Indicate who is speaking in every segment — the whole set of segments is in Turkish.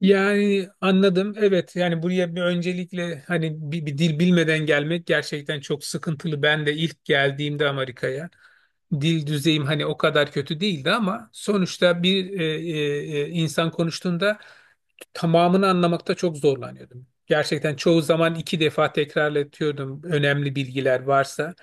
Speaker 1: Yani anladım. Evet yani buraya bir öncelikle hani bir dil bilmeden gelmek gerçekten çok sıkıntılı. Ben de ilk geldiğimde Amerika'ya dil düzeyim hani o kadar kötü değildi ama sonuçta bir insan konuştuğunda tamamını anlamakta çok zorlanıyordum. Gerçekten çoğu zaman iki defa tekrarlatıyordum önemli bilgiler varsa.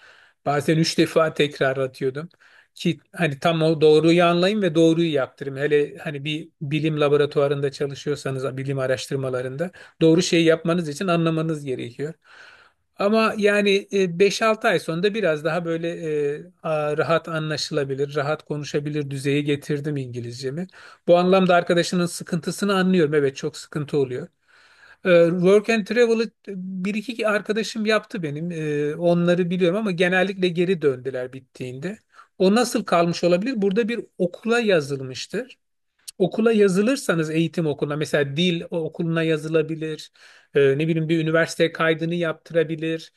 Speaker 1: Bazen üç defa tekrarlatıyordum ki hani tam o doğruyu anlayayım ve doğruyu yaptırayım. Hele hani bir bilim laboratuvarında çalışıyorsanız, bilim araştırmalarında doğru şeyi yapmanız için anlamanız gerekiyor. Ama yani 5-6 ay sonra da biraz daha böyle rahat anlaşılabilir, rahat konuşabilir düzeye getirdim İngilizcemi. Bu anlamda arkadaşının sıkıntısını anlıyorum. Evet çok sıkıntı oluyor. Work and travel'ı bir iki arkadaşım yaptı benim. Onları biliyorum ama genellikle geri döndüler bittiğinde. O nasıl kalmış olabilir? Burada bir okula yazılmıştır, okula yazılırsanız eğitim okuluna, mesela dil okuluna yazılabilir. Ne bileyim, bir üniversiteye kaydını yaptırabilir.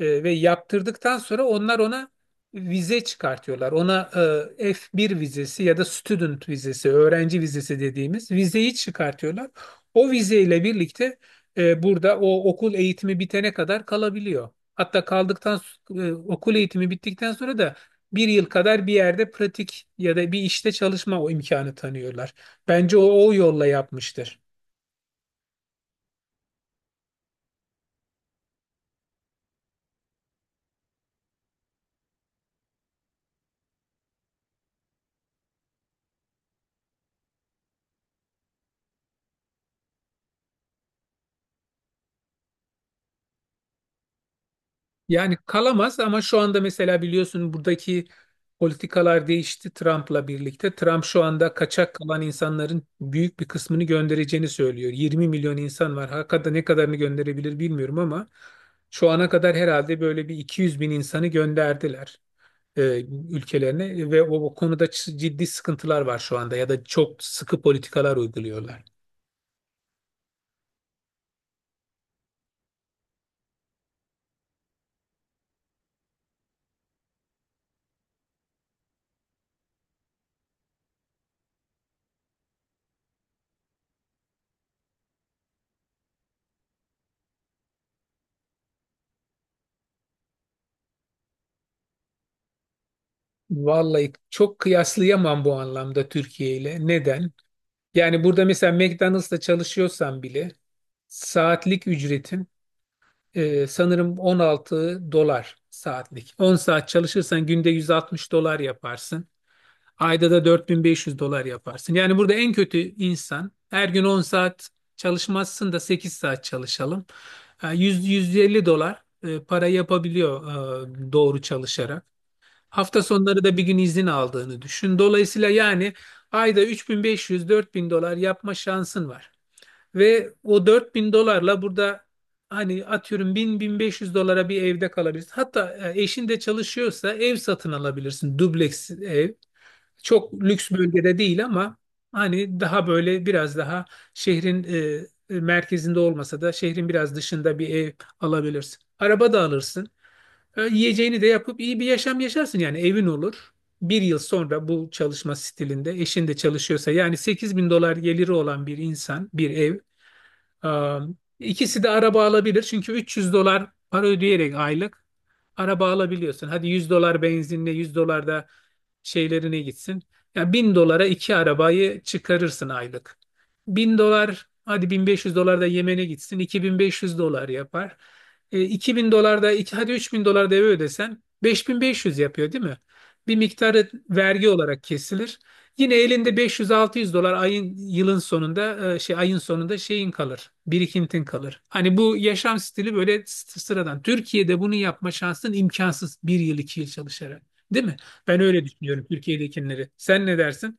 Speaker 1: Ve yaptırdıktan sonra onlar ona vize çıkartıyorlar. Ona F1 vizesi ya da student vizesi, öğrenci vizesi dediğimiz vizeyi çıkartıyorlar. O vizeyle birlikte burada o okul eğitimi bitene kadar kalabiliyor. Hatta kaldıktan okul eğitimi bittikten sonra da bir yıl kadar bir yerde pratik ya da bir işte çalışma, o imkanı tanıyorlar. Bence o yolla yapmıştır. Yani kalamaz ama şu anda mesela biliyorsun buradaki politikalar değişti Trump'la birlikte. Trump şu anda kaçak kalan insanların büyük bir kısmını göndereceğini söylüyor. 20 milyon insan var. Hakikaten ne kadarını gönderebilir bilmiyorum ama şu ana kadar herhalde böyle bir 200 bin insanı gönderdiler e, ülkelerini ve o konuda ciddi sıkıntılar var şu anda ya da çok sıkı politikalar uyguluyorlar. Vallahi çok kıyaslayamam bu anlamda Türkiye ile. Neden? Yani burada mesela McDonald's'ta çalışıyorsan bile saatlik ücretin sanırım 16 dolar saatlik. 10 saat çalışırsan günde 160 dolar yaparsın. Ayda da 4500 dolar yaparsın. Yani burada en kötü insan her gün 10 saat çalışmazsın da 8 saat çalışalım. 100-150 dolar para yapabiliyor doğru çalışarak. Hafta sonları da bir gün izin aldığını düşün. Dolayısıyla yani ayda 3500-4000 dolar yapma şansın var. Ve o 4000 dolarla burada hani atıyorum 1000-1500 dolara bir evde kalabilirsin. Hatta eşin de çalışıyorsa ev satın alabilirsin. Dubleks ev. Çok lüks bölgede değil ama hani daha böyle biraz daha şehrin merkezinde olmasa da şehrin biraz dışında bir ev alabilirsin. Araba da alırsın. Yiyeceğini de yapıp iyi bir yaşam yaşarsın, yani evin olur. Bir yıl sonra bu çalışma stilinde eşin de çalışıyorsa yani 8 bin dolar geliri olan bir insan bir ev. e, ikisi de araba alabilir çünkü 300 dolar para ödeyerek aylık araba alabiliyorsun. Hadi 100 dolar benzinle 100 dolar da şeylerine gitsin. Ya bin dolara iki arabayı çıkarırsın aylık. Bin dolar, hadi 1500 dolar da Yemen'e gitsin, 2500 dolar yapar. İki bin dolar da iki, hadi 3000 dolar da eve ödesen 5500 yapıyor değil mi? Bir miktarı vergi olarak kesilir. Yine elinde beş yüz altı yüz dolar ayın yılın sonunda, ayın sonunda şeyin kalır. Birikintin kalır. Hani bu yaşam stili böyle sıradan. Türkiye'de bunu yapma şansın imkansız bir yıl iki yıl çalışarak. Değil mi? Ben öyle düşünüyorum Türkiye'dekileri. Sen ne dersin?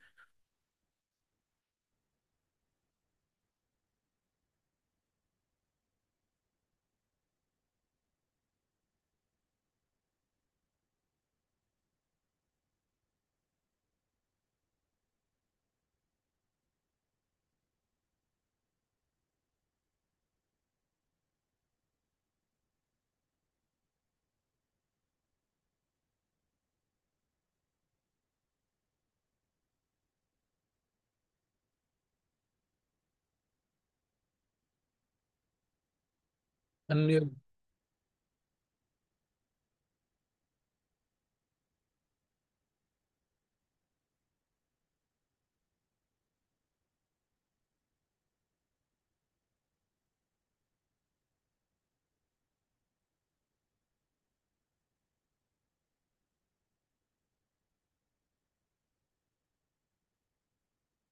Speaker 1: Anlıyorum.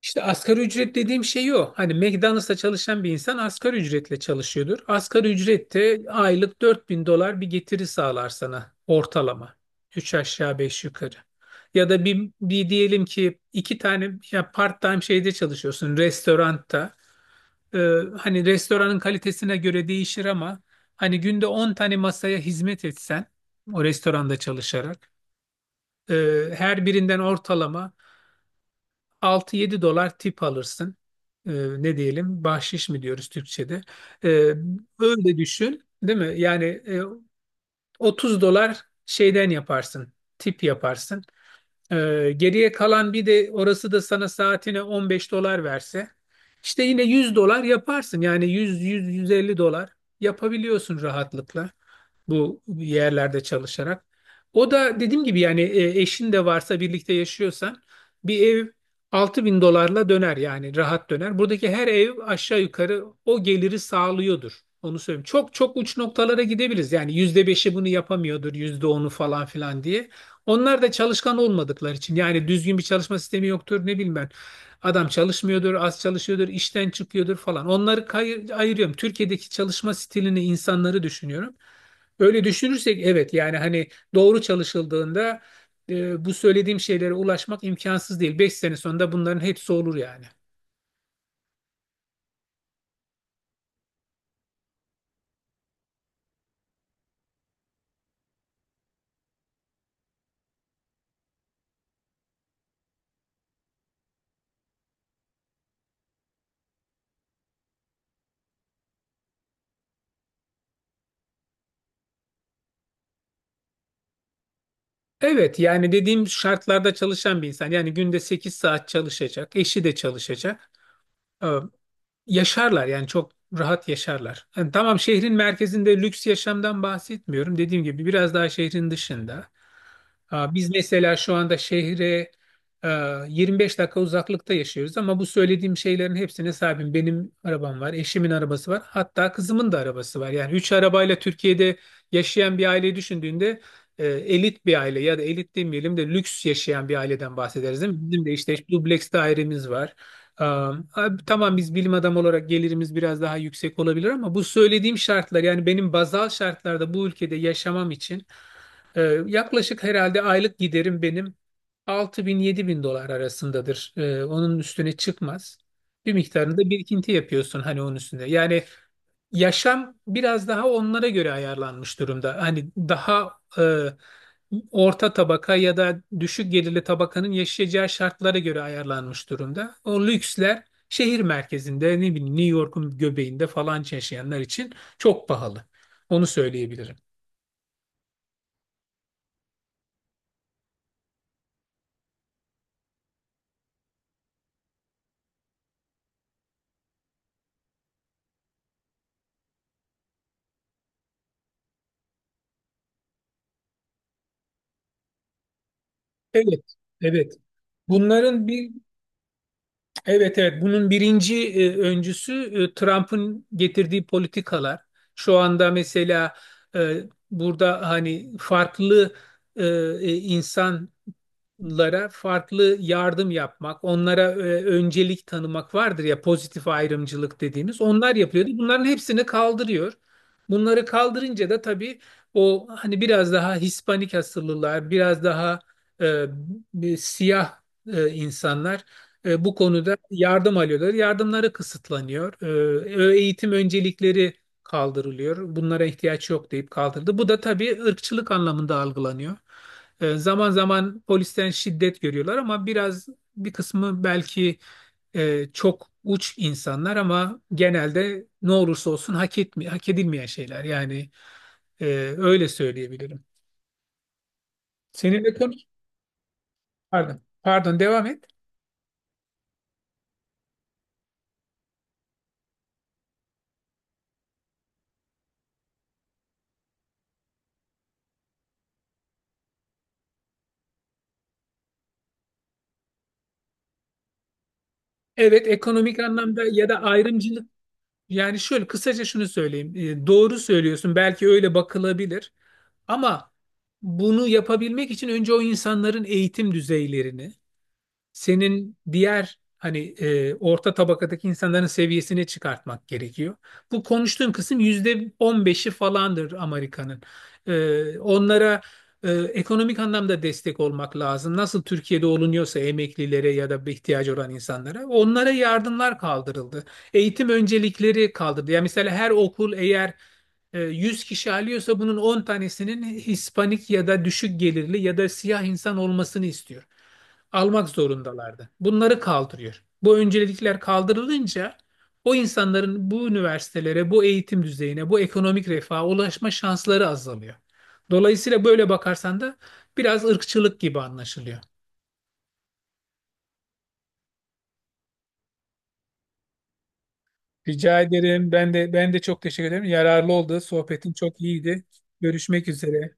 Speaker 1: İşte asgari ücret dediğim şey o. Hani McDonald's'ta çalışan bir insan asgari ücretle çalışıyordur. Asgari ücrette aylık 4000 dolar bir getiri sağlar sana ortalama. Üç aşağı 5 yukarı. Ya da bir diyelim ki iki tane, ya part-time şeyde çalışıyorsun restoranda. Ee, Hani restoranın kalitesine göre değişir ama hani günde 10 tane masaya hizmet etsen o restoranda çalışarak her birinden ortalama 6-7 dolar tip alırsın. Ee, Ne diyelim? Bahşiş mi diyoruz Türkçe'de? Ee, Öyle düşün, değil mi? Yani 30 dolar şeyden yaparsın, tip yaparsın. Geriye kalan bir de orası da sana saatine 15 dolar verse, işte yine 100 dolar yaparsın. Yani 100-100-150 dolar yapabiliyorsun rahatlıkla bu yerlerde çalışarak. O da dediğim gibi yani eşin de varsa birlikte yaşıyorsan bir ev 6000 dolarla döner yani rahat döner. Buradaki her ev aşağı yukarı o geliri sağlıyordur. Onu söyleyeyim. Çok çok uç noktalara gidebiliriz. Yani %5'i bunu yapamıyordur, %10'u falan filan diye. Onlar da çalışkan olmadıkları için yani düzgün bir çalışma sistemi yoktur, ne bilmem. Adam çalışmıyordur, az çalışıyordur, işten çıkıyordur falan. Onları ayırıyorum. Türkiye'deki çalışma stilini, insanları düşünüyorum. Öyle düşünürsek evet yani hani doğru çalışıldığında bu söylediğim şeylere ulaşmak imkansız değil. 5 sene sonunda bunların hepsi olur yani. Evet yani dediğim şartlarda çalışan bir insan, yani günde 8 saat çalışacak, eşi de çalışacak. Tamam, yaşarlar yani çok rahat yaşarlar. Yani tamam, şehrin merkezinde lüks yaşamdan bahsetmiyorum. Dediğim gibi biraz daha şehrin dışında. Aa, biz mesela şu anda şehre e, 25 dakika uzaklıkta yaşıyoruz ama bu söylediğim şeylerin hepsine sahibim. Benim arabam var, eşimin arabası var, hatta kızımın da arabası var. Yani 3 arabayla Türkiye'de yaşayan bir aileyi düşündüğünde elit bir aile, ya da elit demeyelim de lüks yaşayan bir aileden bahsederiz değil mi? Bizim de işte dubleks dairemiz var. Abi, tamam, biz bilim adamı olarak gelirimiz biraz daha yüksek olabilir ama bu söylediğim şartlar, yani benim bazal şartlarda bu ülkede yaşamam için e, yaklaşık herhalde aylık giderim benim 6000 bin dolar arasındadır. Onun üstüne çıkmaz. Bir miktarında birikinti yapıyorsun hani onun üstünde. Yani yaşam biraz daha onlara göre ayarlanmış durumda. Hani daha orta tabaka ya da düşük gelirli tabakanın yaşayacağı şartlara göre ayarlanmış durumda. O lüksler şehir merkezinde, ne bileyim, New York'un göbeğinde falan yaşayanlar için çok pahalı. Onu söyleyebilirim. Evet, evet. Bunların bir Evet, evet, bunun birinci öncüsü Trump'ın getirdiği politikalar. Şu anda mesela e, burada hani farklı e, insan lara farklı yardım yapmak, onlara öncelik tanımak vardır ya, pozitif ayrımcılık dediğimiz. Onlar yapıyordu. Bunların hepsini kaldırıyor. Bunları kaldırınca da tabii o hani biraz daha Hispanik asıllılar, biraz daha e, bir siyah insanlar bu konuda yardım alıyorlar. Yardımları kısıtlanıyor. Eğitim öncelikleri kaldırılıyor. Bunlara ihtiyaç yok deyip kaldırdı. Bu da tabii ırkçılık anlamında algılanıyor. Zaman zaman polisten şiddet görüyorlar ama biraz, bir kısmı belki çok uç insanlar ama genelde ne olursa olsun hak edilmeyen şeyler. Yani e, öyle söyleyebilirim. Senin ekonomik... Pardon, pardon, devam et. Evet, ekonomik anlamda ya da ayrımcılık, yani şöyle kısaca şunu söyleyeyim. Doğru söylüyorsun, belki öyle bakılabilir ama bunu yapabilmek için önce o insanların eğitim düzeylerini senin diğer hani orta tabakadaki insanların seviyesine çıkartmak gerekiyor. Bu konuştuğum kısım %15'i falandır Amerika'nın. Onlara ekonomik anlamda destek olmak lazım. Nasıl Türkiye'de olunuyorsa emeklilere ya da bir ihtiyacı olan insanlara, onlara yardımlar kaldırıldı. Eğitim öncelikleri kaldırıldı. Yani mesela her okul eğer 100 kişi alıyorsa bunun 10 tanesinin Hispanik ya da düşük gelirli ya da siyah insan olmasını istiyor, almak zorundalardı. Bunları kaldırıyor. Bu öncelikler kaldırılınca o insanların bu üniversitelere, bu eğitim düzeyine, bu ekonomik refaha ulaşma şansları azalıyor. Dolayısıyla böyle bakarsan da biraz ırkçılık gibi anlaşılıyor. Rica ederim. Ben de, ben de çok teşekkür ederim. Yararlı oldu. Sohbetin çok iyiydi. Görüşmek üzere.